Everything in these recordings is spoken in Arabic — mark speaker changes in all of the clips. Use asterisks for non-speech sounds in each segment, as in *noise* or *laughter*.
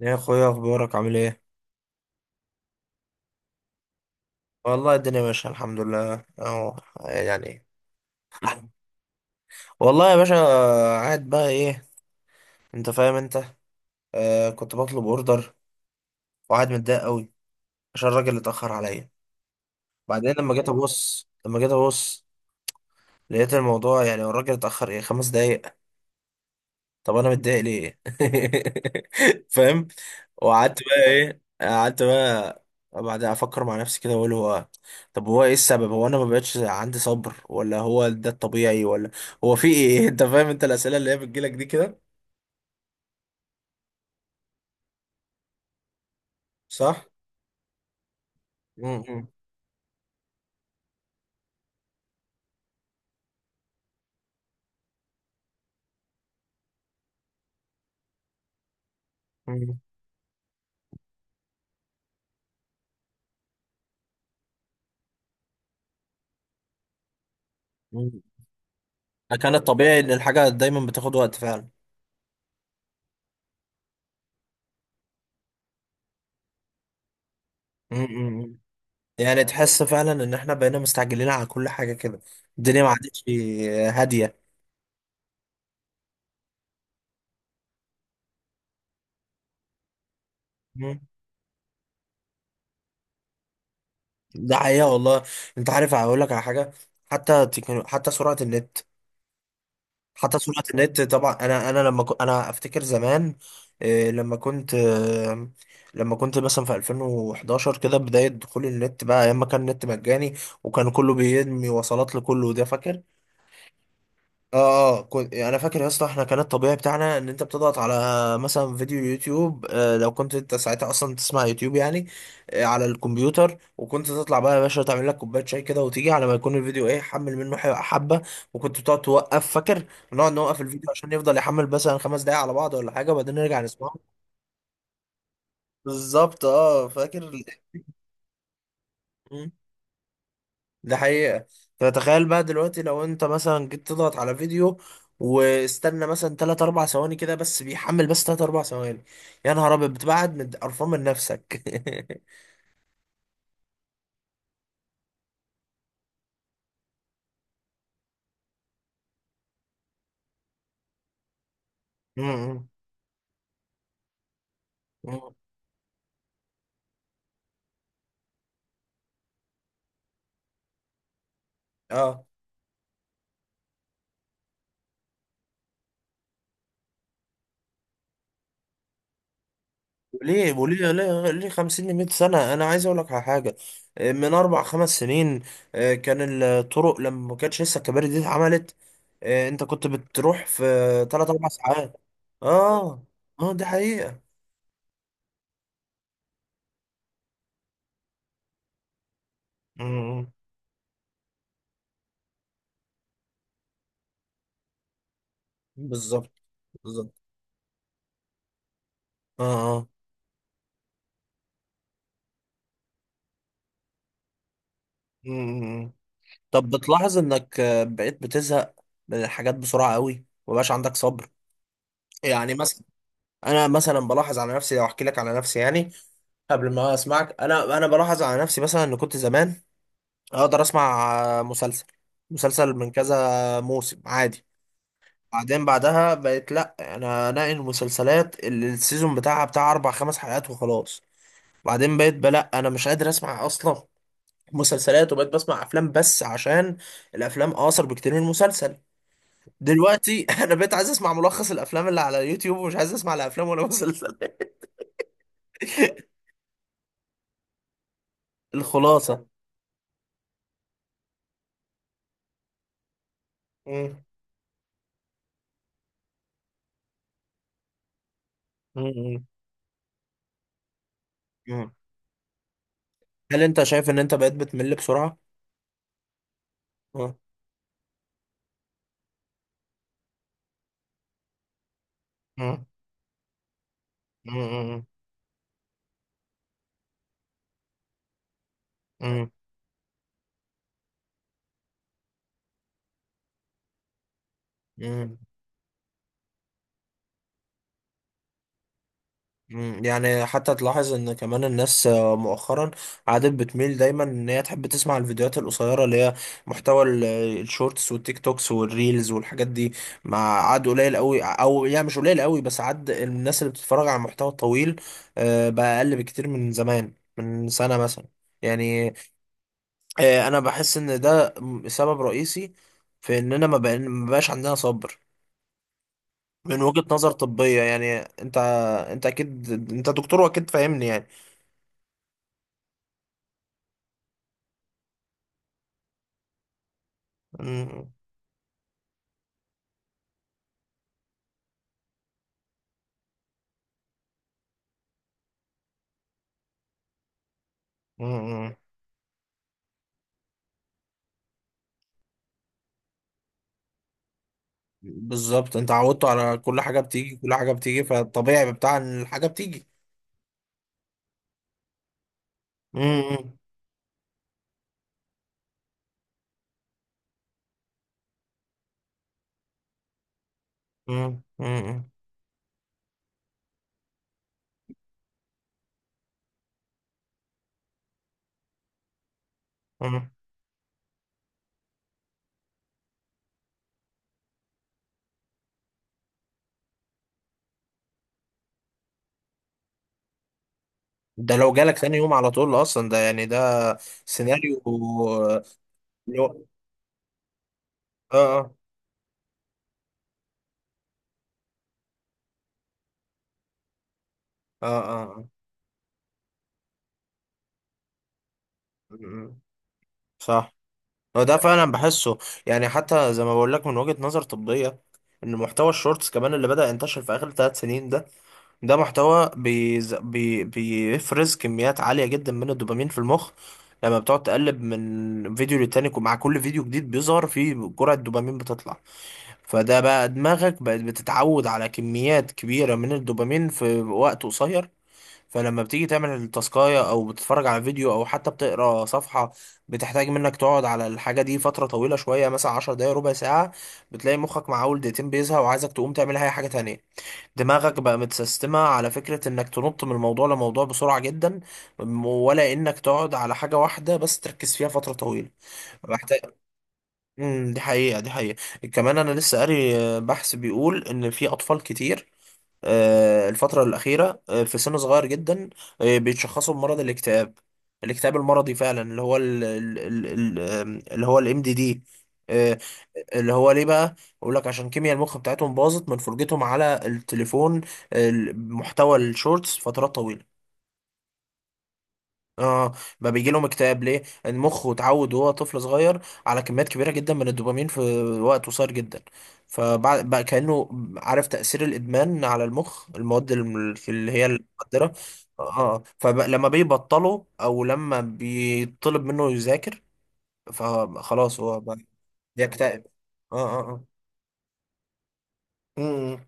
Speaker 1: يا اخويا، اخبارك عامل ايه؟ والله الدنيا ماشيه، الحمد لله اهو، يعني. *clears throat* والله يا باشا، قاعد بقى ايه، انت فاهم انت. كنت بطلب اوردر وقاعد متضايق قوي عشان الراجل اتاخر عليا. بعدين لما جيت ابص لقيت الموضوع، يعني الراجل اتاخر ايه، خمس دقايق. طب انا متضايق ليه؟ *laughs* فاهم؟ وقعدت بقى ايه قعدت بقى بعدها افكر مع نفسي كده، واقول هو، طب هو ايه السبب، هو انا ما بقتش عندي صبر، ولا هو ده الطبيعي، ولا هو في ايه؟ *laughs* انت فاهم انت، الاسئله اللي هي بتجيلك دي كده. صح. امم كان الطبيعي ان الحاجه دايما بتاخد وقت فعلا. امم يعني تحس فعلا ان احنا بقينا مستعجلين على كل حاجه كده، الدنيا ما عادتش هاديه. ده حقيقة والله. انت عارف، هقول لك على حاجة. حتى سرعة النت، حتى سرعة النت طبعا. انا انا افتكر زمان، إيه، لما كنت مثلا في 2011 كده، بداية دخول النت بقى، ايام ما كان النت مجاني وكان كله بيرمي وصلات لكله، ده فاكر؟ اه اه، كنت انا فاكر يا اسطى، احنا كان الطبيعي بتاعنا ان انت بتضغط على مثلا فيديو يوتيوب، لو كنت انت ساعتها اصلا تسمع يوتيوب يعني، على الكمبيوتر، وكنت تطلع بقى يا باشا تعمل لك كوبايه شاي كده، وتيجي على ما يكون الفيديو ايه، حمل منه حبه. وكنت بتقعد توقف، فاكر؟ نقعد نوقف الفيديو عشان يفضل يحمل مثلا خمس دقايق على بعض ولا حاجه، وبعدين نرجع نسمعه. بالظبط، اه فاكر. ده حقيقة. فتخيل بقى دلوقتي لو انت مثلا جيت تضغط على فيديو، واستنى مثلا 3 4 ثواني كده بس، بيحمل بس 3 4 ثواني، يا نهار ابيض بتبعد من قرفان من نفسك. *laughs* م- م- م. اه. وليه وليه ليه ليه 50 ل 100 سنة؟ انا عايز اقول لك على حاجة، من اربع خمس سنين، كان الطرق لما ما كانتش لسه الكباري دي اتعملت، انت كنت بتروح في 3 4 ساعات. اه اه، دي حقيقة. م- م. بالظبط بالظبط. اه اه. امم طب، بتلاحظ انك بقيت بتزهق من الحاجات بسرعة قوي، ومبقاش عندك صبر؟ يعني مثلا انا مثلا بلاحظ على نفسي، لو احكي لك على نفسي يعني، قبل ما اسمعك، انا بلاحظ على نفسي مثلا، ان كنت زمان اقدر اسمع مسلسل، مسلسل من كذا موسم عادي. بعدين بعدها بقيت لا، انا انقي المسلسلات اللي السيزون بتاعها بتاع اربع خمس حلقات وخلاص. بعدين بقيت بلا، انا مش قادر اسمع اصلا مسلسلات، وبقيت بسمع افلام بس، عشان الافلام اقصر بكتير من المسلسل. دلوقتي *laughs* انا بقيت عايز اسمع ملخص الافلام اللي على يوتيوب، ومش عايز اسمع لا افلام ولا مسلسلات. *laughs* الخلاصه. مم. مم. مم. هل انت شايف ان انت بقيت بتمل بسرعه؟ مم. مم. مم. مم. مم. يعني حتى تلاحظ ان كمان الناس مؤخرا عادت بتميل دايما ان هي تحب تسمع الفيديوهات القصيره، اللي هي محتوى الشورتس والتيك توكس والريلز والحاجات دي. مع عاد قليل قوي، او يعني مش قليل قوي، بس عاد الناس اللي بتتفرج على المحتوى الطويل بقى اقل بكتير من زمان، من سنه مثلا، يعني. انا بحس ان ده سبب رئيسي في اننا ما بقاش عندنا صبر. من وجهة نظر طبية يعني، انت انت اكيد انت دكتور واكيد فاهمني يعني. مم. مم. بالظبط، انت عودته على كل حاجه بتيجي، كل حاجه بتيجي، فالطبيعي بتاع ان الحاجه بتيجي. مم. مم. مم. مم. ده لو جالك تاني يوم على طول اصلا، ده يعني ده سيناريو. اللي هو- اه اه اه. اه. مم. صح. هو ده فعلا بحسه، يعني حتى زي ما بقول لك من وجهه نظر طبيه، ان محتوى الشورتس كمان اللي بدأ ينتشر في اخر ثلاث سنين ده، ده محتوى بيفرز كميات عالية جدا من الدوبامين في المخ. لما بتقعد تقلب من فيديو للتاني، ومع كل فيديو جديد بيظهر فيه جرعة دوبامين بتطلع. فده بقى دماغك بقت بتتعود على كميات كبيرة من الدوبامين في وقت قصير. فلما بتيجي تعمل التاسكاية، أو بتتفرج على فيديو، أو حتى بتقرا صفحة بتحتاج منك تقعد على الحاجة دي فترة طويلة شوية، مثلا عشر دقايق، ربع ساعة، بتلاقي مخك مع أول دقيقتين بيزهق، وعايزك تقوم تعمل أي حاجة تانية. دماغك بقى متسيستمة على فكرة انك تنط من موضوع لموضوع بسرعة جدا، ولا انك تقعد على حاجة واحدة بس تركز فيها فترة طويلة. محتاج. دي حقيقة دي حقيقة. كمان انا لسه قاري بحث بيقول ان في اطفال كتير الفترة الأخيرة، في سن صغير جدا، بيتشخصوا بمرض الاكتئاب. الاكتئاب المرضي فعلا، اللي هو ال- ال- ال- ال- آم، اللي هو الام دي دي، اللي هو ليه بقى؟ يقول لك عشان كيمياء المخ بتاعتهم باظت من فرجتهم على التليفون، محتوى الشورتس فترات طويلة. اه. ما بيجي لهم اكتئاب ليه؟ المخ اتعود وهو طفل صغير على كميات كبيره جدا من الدوبامين في وقت قصير جدا. فبعد بقى كانه، عارف تاثير الادمان على المخ، المواد اللي هي المخدره. اه، فلما بيبطلوا او لما بيطلب منه يذاكر، فخلاص هو بقى بيكتئب. اه اه اه. أمم،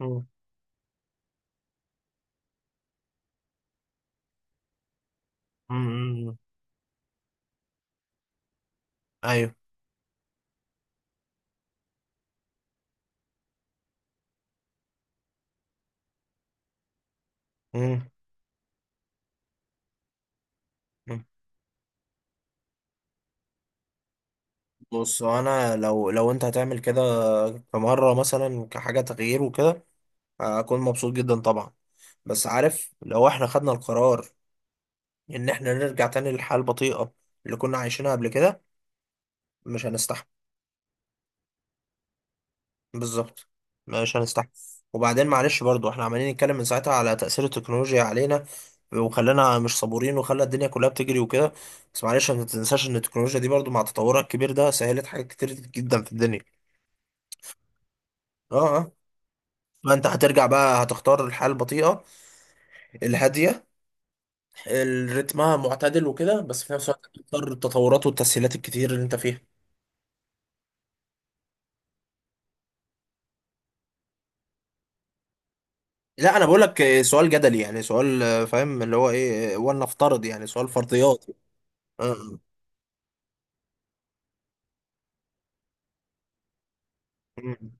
Speaker 1: أمم، أمم، ايوه. أمم، أمم. بص، انا لو لو انت هتعمل كده، كمره مثلا كحاجه تغيير وكده، هكون مبسوط جدا طبعا. بس عارف، لو احنا خدنا القرار ان احنا نرجع تاني للحياة البطيئة اللي كنا عايشينها قبل كده، مش هنستحمل. بالظبط، مش هنستحمل. وبعدين معلش، برضو احنا عمالين نتكلم من ساعتها على تأثير التكنولوجيا علينا، وخلانا مش صبورين، وخلى الدنيا كلها بتجري وكده، بس معلش، ما تنساش ان التكنولوجيا دي برضو مع تطورها الكبير ده، سهلت حاجات كتير جدا في الدنيا. اه اه. فانت هترجع بقى، هتختار الحياة البطيئة الهادية رتمها معتدل وكده، بس في نفس الوقت بتضطر التطورات والتسهيلات الكتير اللي انت فيها؟ لا انا بقول لك، سؤال جدلي، يعني سؤال، فاهم اللي هو ايه، ولنفترض، يعني سؤال فرضيات. آه، آه. مم.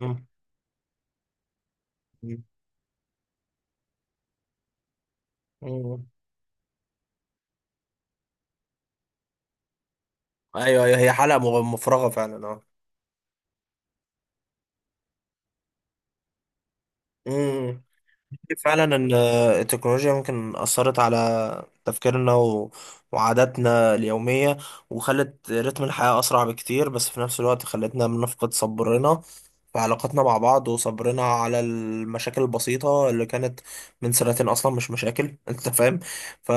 Speaker 1: مم. مم. ايوه. أيوة، هي حلقة مفرغة فعلا، اه. مم. فعلا، ان التكنولوجيا ممكن اثرت على تفكيرنا، وعاداتنا اليوميه، وخلت رتم الحياه اسرع بكتير، بس في نفس الوقت خلتنا بنفقد صبرنا في علاقاتنا مع بعض، وصبرنا على المشاكل البسيطه اللي كانت من سنتين اصلا مش مشاكل. *laughs* انت فاهم؟ ف،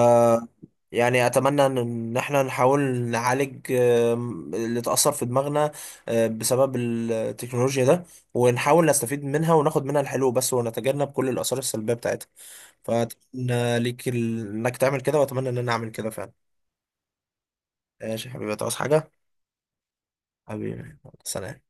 Speaker 1: يعني اتمنى ان إن احنا نحاول نعالج اللي اتاثر في دماغنا بسبب التكنولوجيا ده، ونحاول نستفيد منها، وناخد منها الحلو بس، ونتجنب كل الآثار السلبية بتاعتها. فأتمنى ليك إنك تعمل كده، وأتمنى إن أنا أعمل كده فعلا. ماشي يا حبيبي، تعوز حاجة؟ حبيبي، سلام.